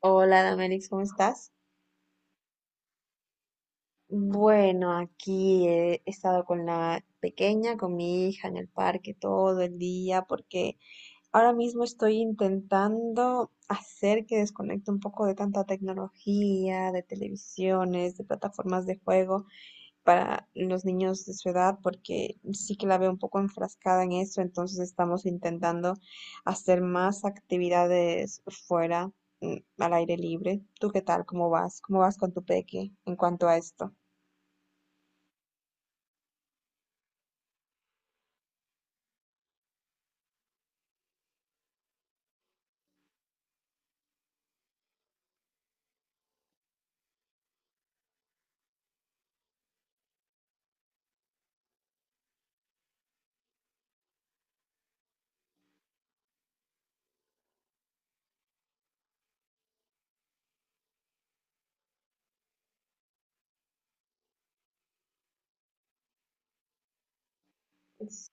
Hola, Damelix, ¿cómo estás? Bueno, aquí he estado con la pequeña, con mi hija en el parque todo el día, porque ahora mismo estoy intentando hacer que desconecte un poco de tanta tecnología, de televisiones, de plataformas de juego para los niños de su edad, porque sí que la veo un poco enfrascada en eso, entonces estamos intentando hacer más actividades fuera, al aire libre. ¿Tú qué tal? ¿Cómo vas? ¿Cómo vas con tu peque en cuanto a esto?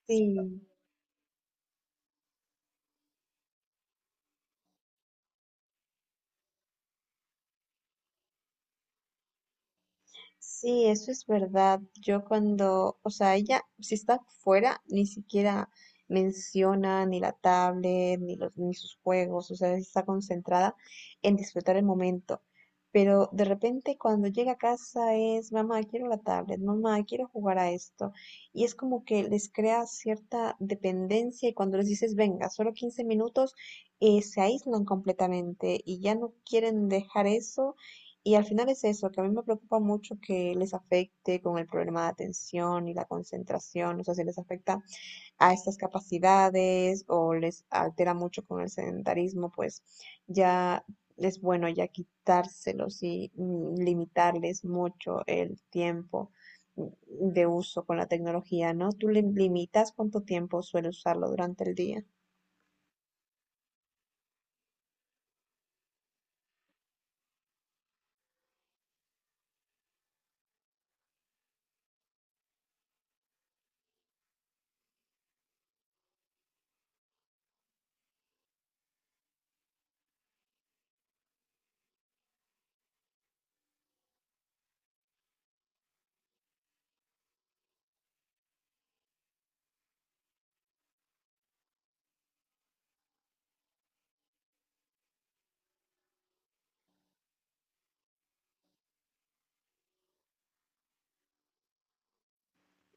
Sí, sí, eso es verdad. Yo cuando, o sea, ella, si está fuera, ni siquiera menciona ni la tablet, ni sus juegos, o sea, está concentrada en disfrutar el momento. Pero de repente cuando llega a casa es, mamá, quiero la tablet, mamá, quiero jugar a esto. Y es como que les crea cierta dependencia y cuando les dices, venga, solo 15 minutos, se aíslan completamente y ya no quieren dejar eso y al final es eso, que a mí me preocupa mucho que les afecte con el problema de atención y la concentración, o sea, si les afecta a estas capacidades o les altera mucho con el sedentarismo, pues ya es bueno ya quitárselos y limitarles mucho el tiempo mm, de uso con la tecnología, ¿no? ¿Tú limitas cuánto tiempo suele usarlo durante el día?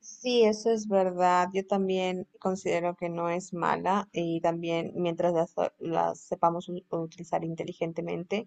Sí, eso es verdad. Yo también considero que no es mala y también mientras las sepamos utilizar inteligentemente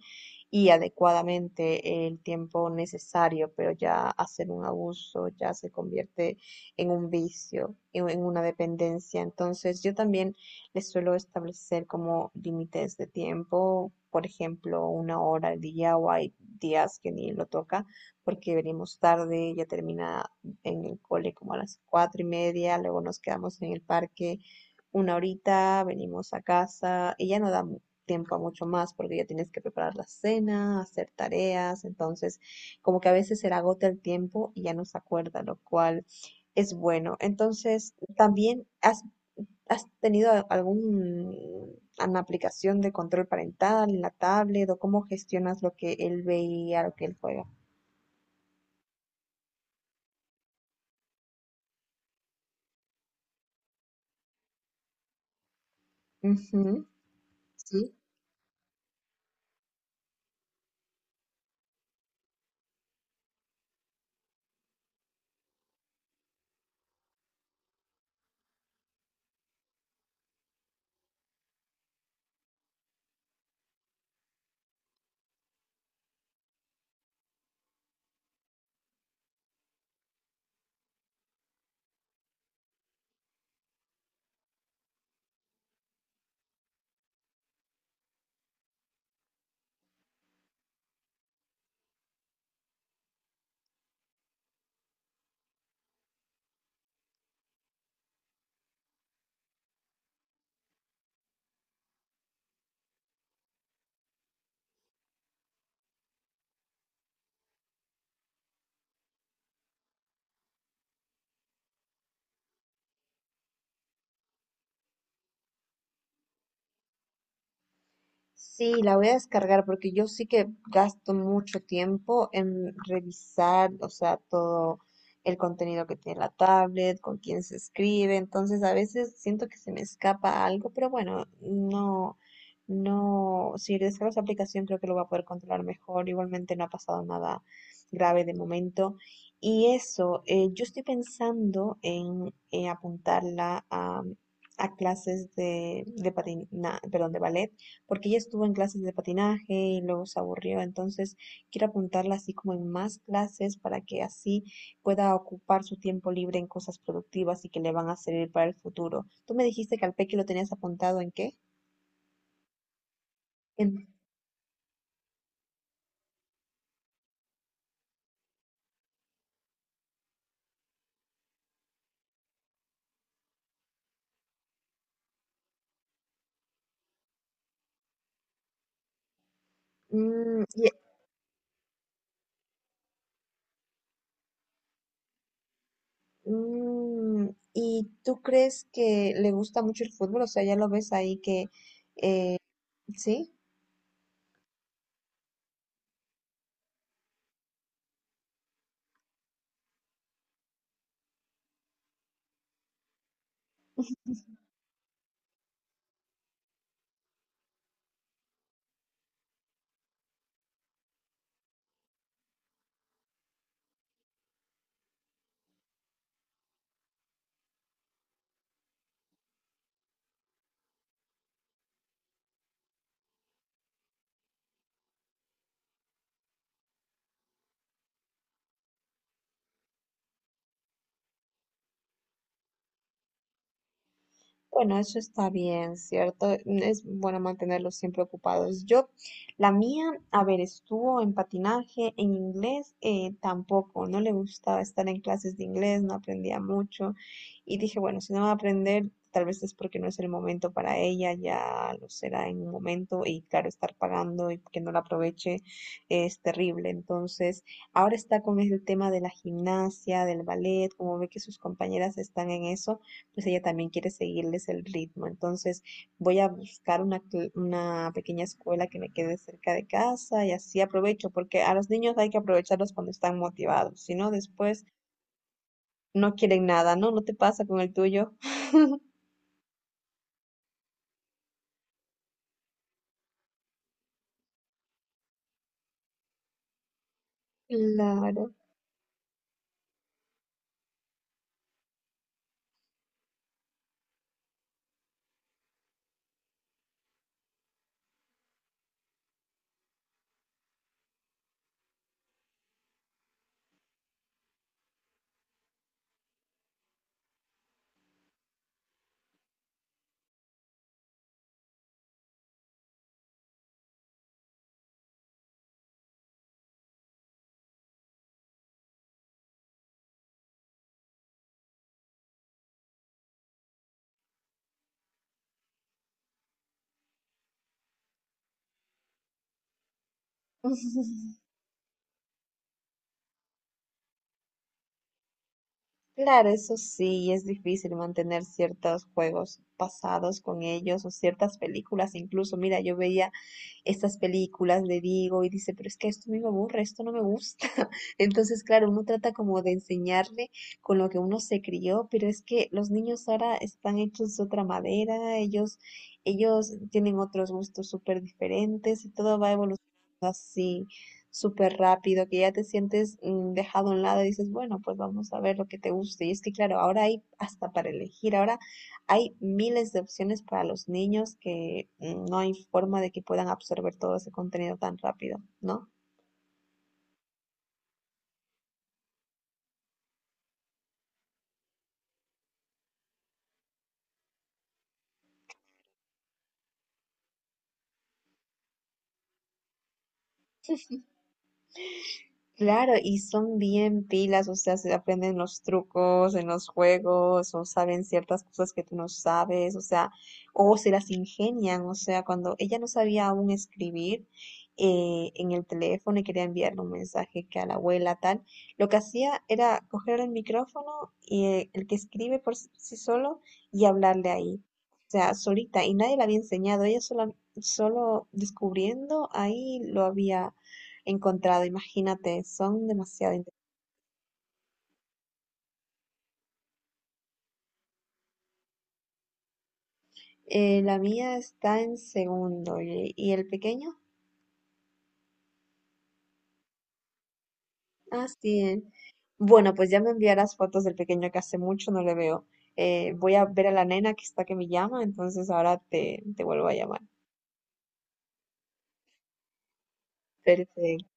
y adecuadamente el tiempo necesario, pero ya hacer un abuso ya se convierte en un vicio, en una dependencia. Entonces, yo también les suelo establecer como límites de tiempo, por ejemplo, una hora al día o hay días que ni lo toca porque venimos tarde, ya termina en el cole como a las 4:30, luego nos quedamos en el parque una horita, venimos a casa y ya no da tiempo a mucho más porque ya tienes que preparar la cena, hacer tareas, entonces como que a veces se le agota el tiempo y ya no se acuerda, lo cual es bueno. Entonces, también has tenido algún una aplicación de control parental en la tablet o cómo gestionas lo que él ve y a lo que él juega. Ujú. Sí. Sí, la voy a descargar porque yo sí que gasto mucho tiempo en revisar, o sea, todo el contenido que tiene la tablet, con quién se escribe, entonces a veces siento que se me escapa algo, pero bueno, no, no, si descargo esa aplicación creo que lo voy a poder controlar mejor, igualmente no ha pasado nada grave de momento. Y eso, yo estoy pensando en apuntarla a clases de patina, perdón, de ballet porque ella estuvo en clases de patinaje y luego se aburrió, entonces quiero apuntarla así como en más clases para que así pueda ocupar su tiempo libre en cosas productivas y que le van a servir para el futuro. Tú me dijiste que al Peque lo tenías apuntado ¿en qué? En- y, mm, ¿y tú crees que le gusta mucho el fútbol? O sea, ya lo ves ahí que, ¿sí? Bueno, eso está bien, ¿cierto? Es bueno mantenerlos siempre ocupados. Yo, la mía, a ver, estuvo en patinaje, en inglés, tampoco, no le gustaba estar en clases de inglés, no aprendía mucho. Y dije, bueno, si no va a aprender, tal vez es porque no es el momento para ella, ya lo será en un momento. Y claro, estar pagando y que no la aproveche es terrible. Entonces, ahora está con el tema de la gimnasia, del ballet, como ve que sus compañeras están en eso pues ella también quiere seguirles el ritmo. Entonces voy a buscar una pequeña escuela que me quede cerca de casa y así aprovecho, porque a los niños hay que aprovecharlos cuando están motivados, si no después no quieren nada, ¿no? ¿No te pasa con el tuyo? Claro. Claro, eso sí, es difícil mantener ciertos juegos pasados con ellos o ciertas películas. Incluso, mira, yo veía estas películas de Diego y dice, pero es que esto a mí me aburre, esto no me gusta. Entonces, claro, uno trata como de enseñarle con lo que uno se crió, pero es que los niños ahora están hechos de otra madera, ellos tienen otros gustos súper diferentes y todo va evolucionando así súper rápido, que ya te sientes dejado a un lado y dices, bueno, pues vamos a ver lo que te guste. Y es que, claro, ahora hay hasta para elegir, ahora hay miles de opciones para los niños que no hay forma de que puedan absorber todo ese contenido tan rápido, ¿no? Claro, y son bien pilas, o sea, se aprenden los trucos en los juegos, o saben ciertas cosas que tú no sabes, o sea, o se las ingenian, o sea, cuando ella no sabía aún escribir en el teléfono y quería enviarle un mensaje que a la abuela tal, lo que hacía era coger el micrófono y el que escribe por sí solo y hablarle ahí, o sea, solita, y nadie le había enseñado, ella sola, solo descubriendo ahí lo había encontrado, imagínate, son demasiado. La mía está en segundo y el pequeño, ah, sí. Bueno, pues ya me enviarás fotos del pequeño que hace mucho no le veo. Voy a ver a la nena que está que me llama, entonces ahora te vuelvo a llamar. Perfecto.